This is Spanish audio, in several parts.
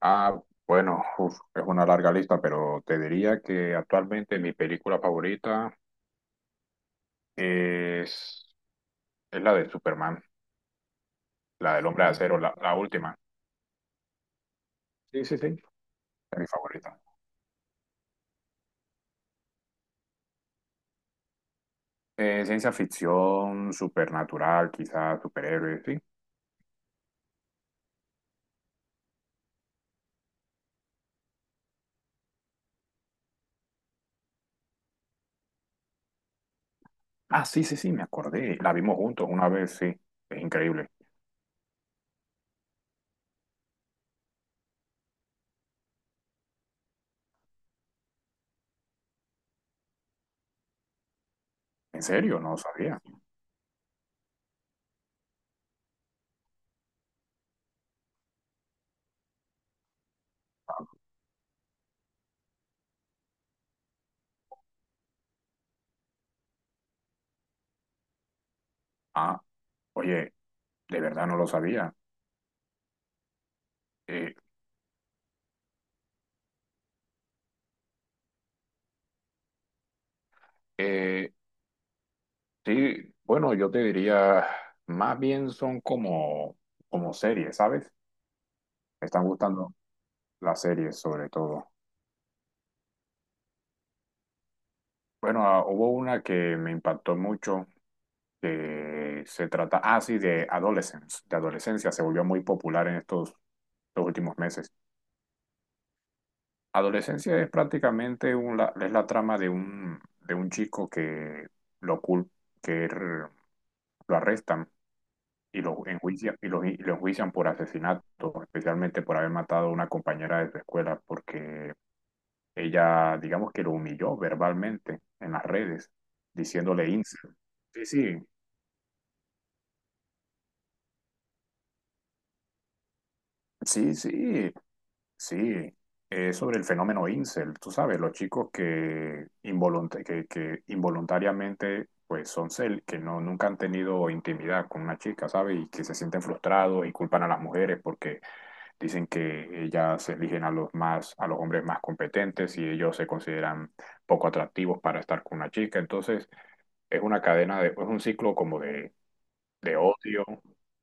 Ah, bueno, es una larga lista, pero te diría que actualmente mi película favorita es, es la de Superman, la del Hombre de Acero, la última. Sí, sí, sí. Es mi favorita. Ciencia ficción, supernatural, quizás superhéroes, sí. Ah, sí, sí, sí, me acordé. La vimos juntos una vez, sí. Es increíble. ¿En serio? No lo sabía. Ah, oye, de verdad no lo sabía. Eh, eh, Sí, bueno, yo te diría, más bien son como, como series, ¿sabes? Me están gustando las series sobre todo. Bueno, hubo una que me impactó mucho, que se trata, ah, sí, de Adolescence, de adolescencia, se volvió muy popular en estos, los últimos meses. Adolescencia es prácticamente es la trama de un chico que lo, cul- que er- lo arrestan y los enjuician, y los, y lo enjuician por asesinato, especialmente por haber matado a una compañera de su escuela, porque ella, digamos que lo humilló verbalmente en las redes, diciéndole incel. Sí, sí, sí, sí, sí. Es sobre el fenómeno incel, tú sabes, los chicos que involuntariamente pues son cel, que no, nunca han tenido intimidad con una chica, ¿sabes? Y que se sienten frustrados y culpan a las mujeres porque dicen que ellas eligen a los más, a los hombres más competentes y ellos se consideran poco atractivos para estar con una chica. Entonces, es una cadena de, es un ciclo como de odio.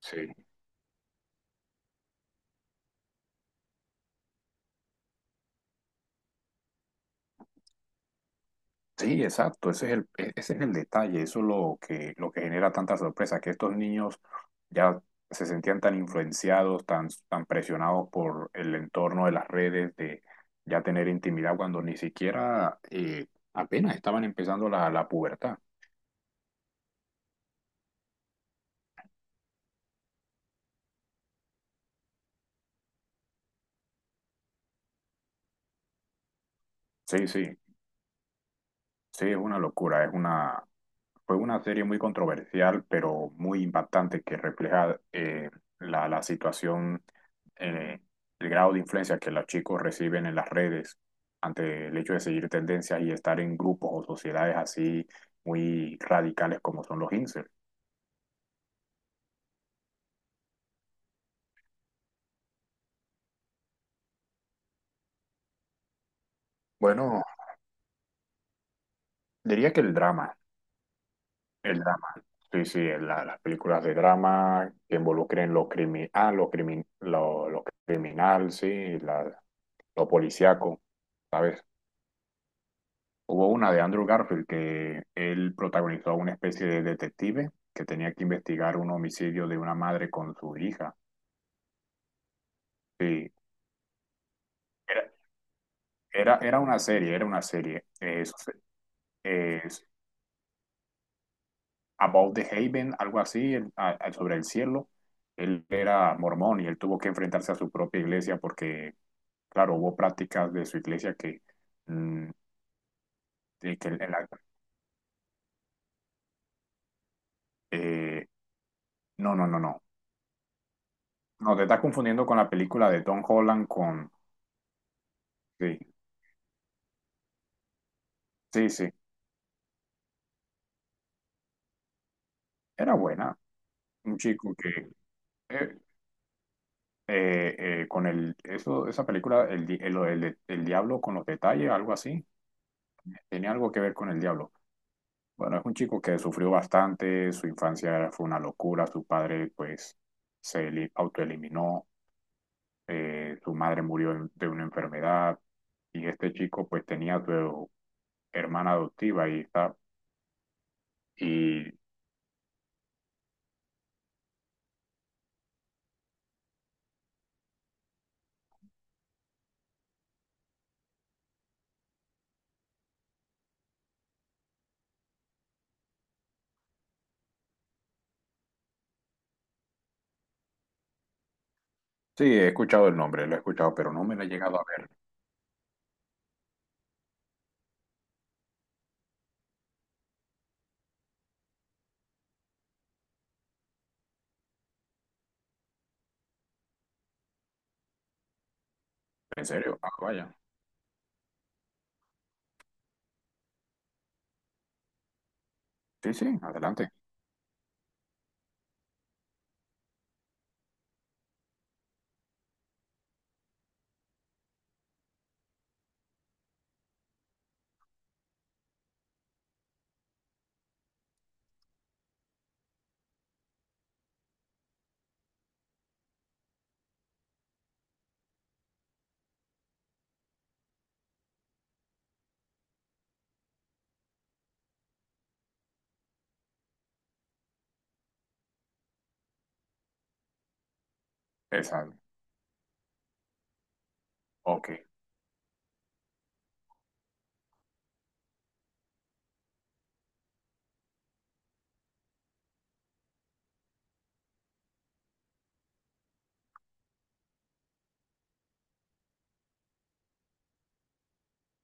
Sí. Sí, exacto. Ese es ese es el detalle. Eso es lo que genera tanta sorpresa, que estos niños ya se sentían tan influenciados, tan, tan presionados por el entorno de las redes, de ya tener intimidad cuando ni siquiera apenas estaban empezando la pubertad. Sí, sí. Sí, es una locura, fue una serie muy controversial, pero muy impactante que refleja la situación, eh, el grado de influencia que los chicos reciben en las redes ante el hecho de seguir tendencias y estar en grupos o sociedades así muy radicales como son los incels. Bueno, diría que el drama, el drama. Sí, sí, las películas de drama que involucren lo criminal, sí, la, lo policíaco, ¿sabes? Hubo una de Andrew Garfield que él protagonizó a una especie de detective que tenía que investigar un homicidio de una madre con su hija. Sí, era, era una serie, era una serie. Es About the Haven, algo así, sobre el cielo. Él era mormón y él tuvo que enfrentarse a su propia iglesia porque, claro, hubo prácticas de su iglesia que... mm, de que en la- eh, no, no, no, no. No, te estás confundiendo con la película de Tom Holland con... Sí. Sí, sí, era buena, un chico que eh, eh, con el, eso, esa película, el, di- el diablo con los detalles, algo así, tenía algo que ver con el diablo. Bueno, es un chico que sufrió bastante, su infancia fue una locura, su padre pues autoeliminó, su madre murió de una enfermedad y este chico pues tenía a su hermana adoptiva y está, y sí, he escuchado el nombre, lo he escuchado, pero no me lo he llegado a ver. ¿En serio? Ah, vaya. Sí, sí, adelante. Esa. Ok,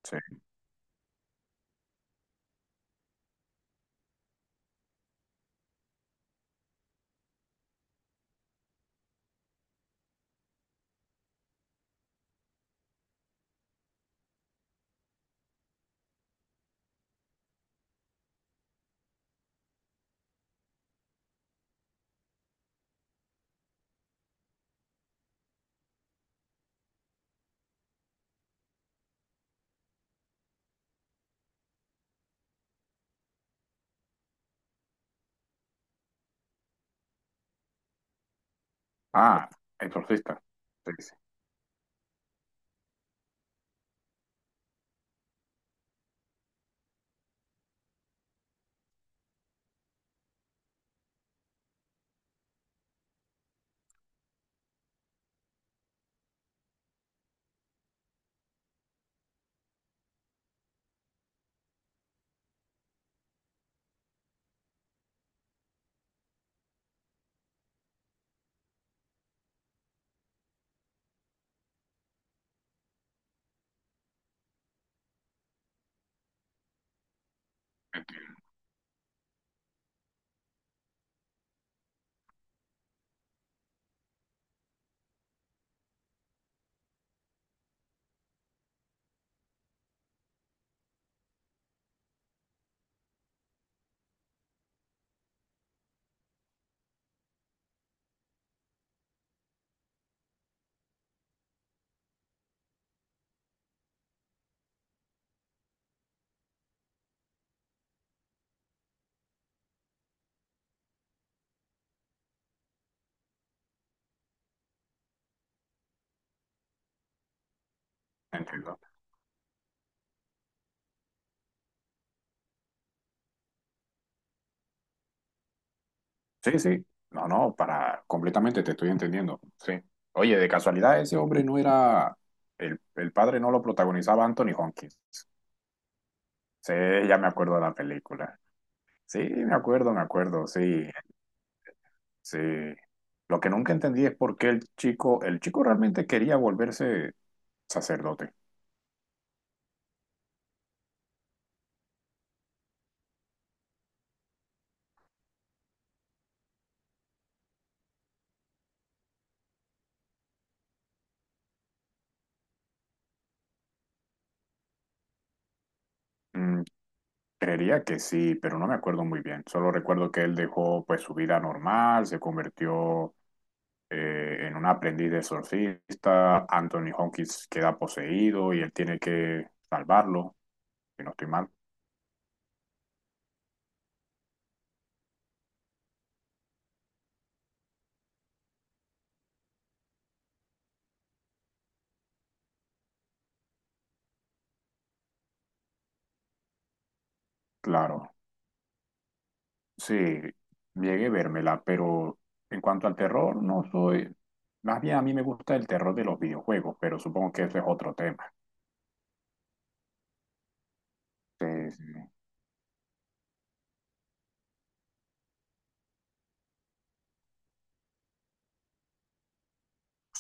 sí. Ah, exorcista. Sí, sí, entiendo. Sí, sí. No, no, para completamente te estoy entendiendo. Sí. Oye, de casualidad ese hombre no era el padre no lo protagonizaba Anthony Hopkins. Sí, ya me acuerdo de la película. Sí, me acuerdo, sí, sí. Lo que nunca entendí es por qué el chico realmente quería volverse sacerdote. Mm, creería que sí, pero no me acuerdo muy bien. Solo recuerdo que él dejó pues su vida normal, se convirtió en un aprendiz de exorcista, Anthony Hopkins queda poseído y él tiene que salvarlo, si no estoy mal. Claro, sí, llegué a vérmela, pero en cuanto al terror, no soy. Más bien a mí me gusta el terror de los videojuegos, pero supongo que ese es otro tema. Sí, sí,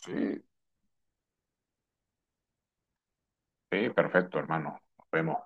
sí, sí, perfecto, hermano. Nos vemos.